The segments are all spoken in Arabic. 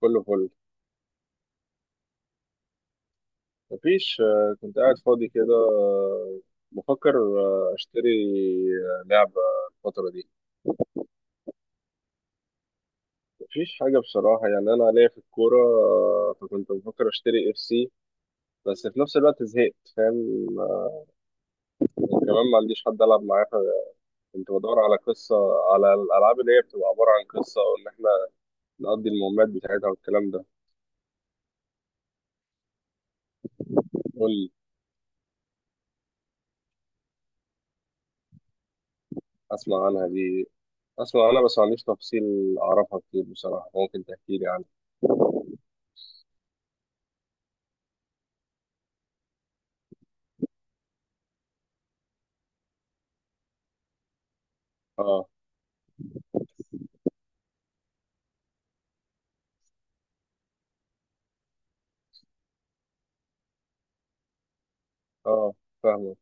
كله فل. مفيش. كنت قاعد فاضي كده. بفكر اشتري لعبة الفترة دي. مفيش حاجة بصراحة، يعني أنا ليا في الكورة، فكنت بفكر اشتري اف سي، بس في نفس الوقت زهقت، فاهم؟ كمان ما عنديش حد ألعب معاه، فكنت بدور على قصة، على الألعاب اللي هي بتبقى عبارة عن قصة وإن إحنا نقضي المهمات بتاعتها والكلام ده. قول لي. أسمع عنها دي. أسمع عنها بس ما عنديش تفصيل أعرفها كتير بصراحة، ممكن تحكي لي عنها. آه. آه. فاهمك.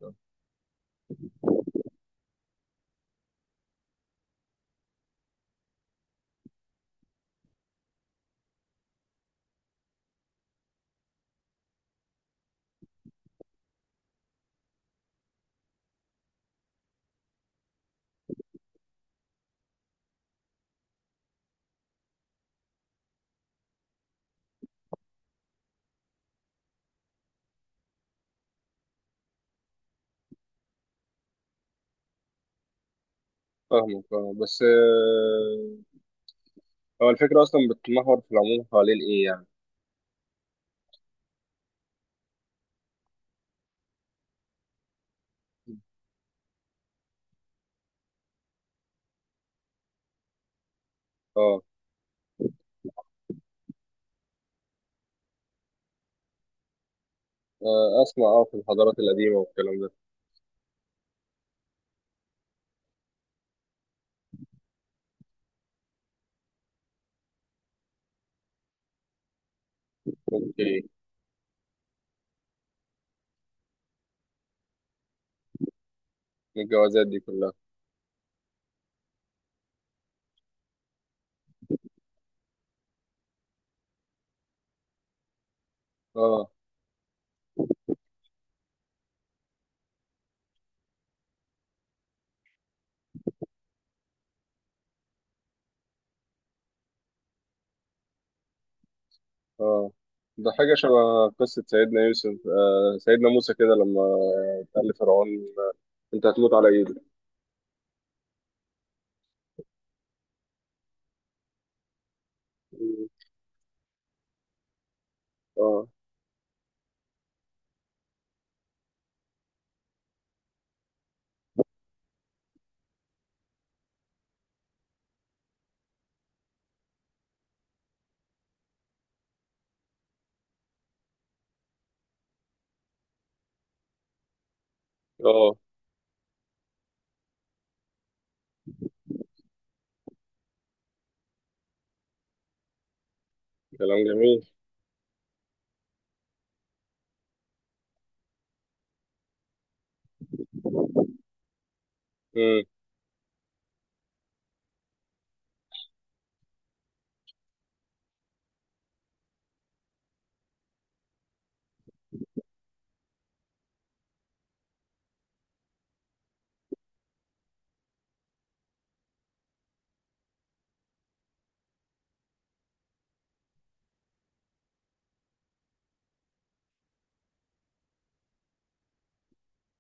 اه، بس، هو الفكرة أصلا بتتمحور في العموم حوالين إيه يعني؟ اه. أسمع، اه، في الحضارات القديمة والكلام ده. أوكي. الجوازات دي كلها. اه، اه. ده حاجة شبه قصة سيدنا يوسف، سيدنا موسى كده لما قال لفرعون أنت هتموت على إيدي. مم. اه، اه. كلام جميل. مم.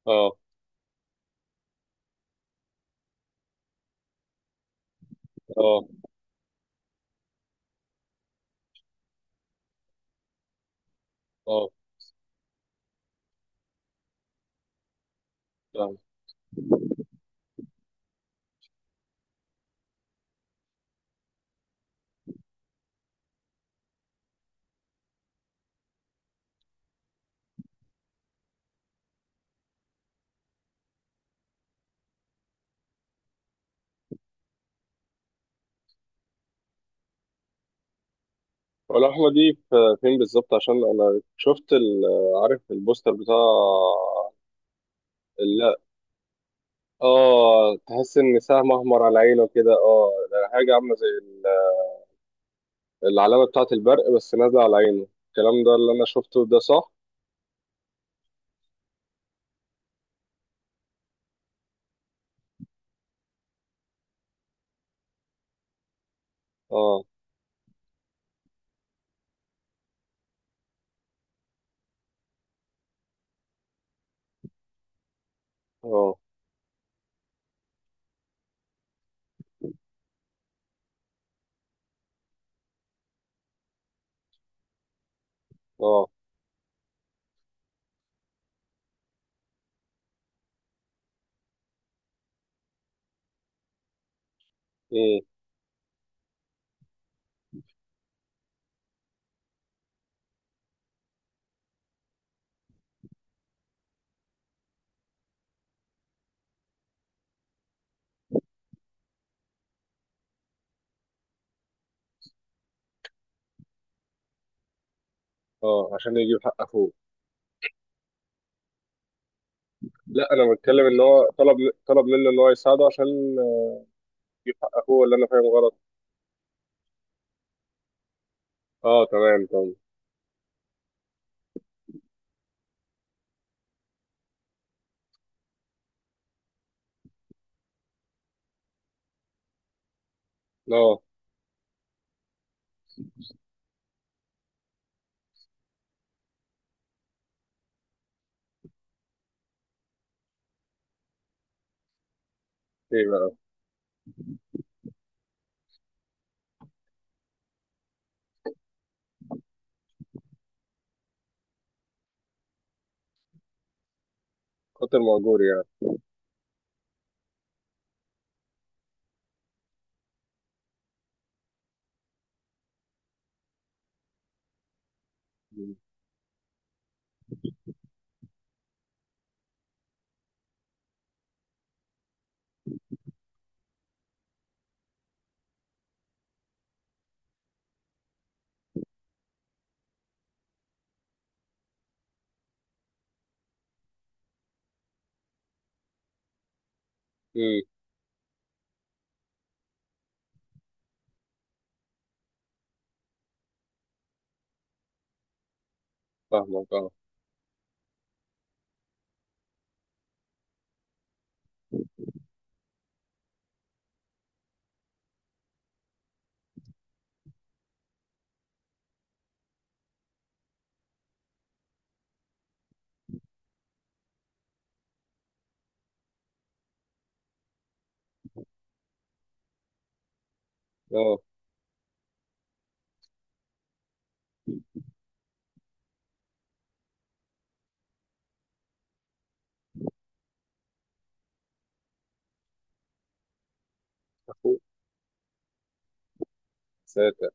اه، اه، اه. فاهم. واللحمة دي فين بالظبط؟ عشان أنا شفت عارف البوستر بتاع؟ اه، تحس ان سهم احمر على عينه كده. اه، ده حاجه عامله زي العلامه بتاعه البرق، بس نازله على عينه، الكلام ده اللي انا شفته ده صح؟ اه، اه، اه. ايه. اه، عشان يجيب حق اخوه. لا، انا بتكلم ان هو طلب منه ان هو يساعده عشان يجيب حق اخوه، ولا انا فاهم غلط؟ اه، تمام تمام. اه. ايه بقى؟ قاتل مأجور يعني. امم. فاهمك، اه. اه، اخوه. ساتر.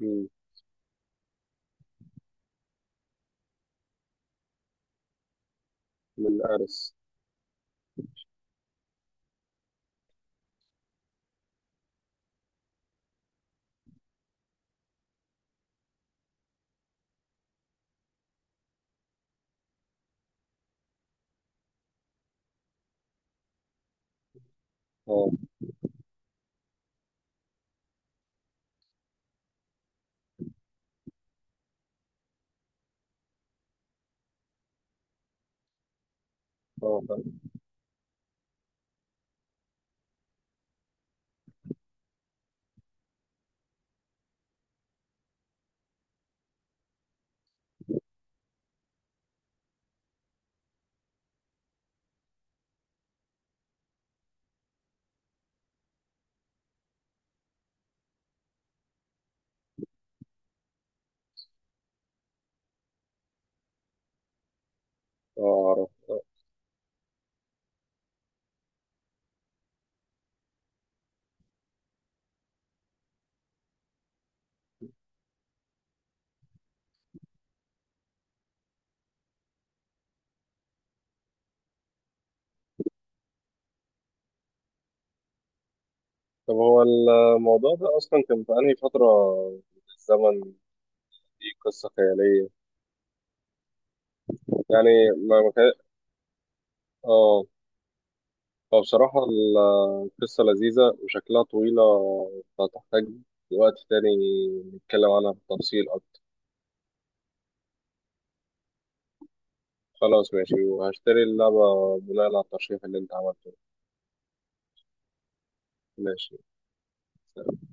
مم. من الارس. اه، اه، اه. عرفت. طب هو الموضوع ده أصلا كان في أنهي فترة من الزمن؟ دي قصة خيالية يعني؟ ما كان، آه. هو بصراحة القصة لذيذة وشكلها طويلة، فتحتاج وقت تاني نتكلم عنها بالتفصيل أكتر. خلاص ماشي، وهشتري اللعبة بناء على الترشيح اللي أنت عملته. ماشي. سلام.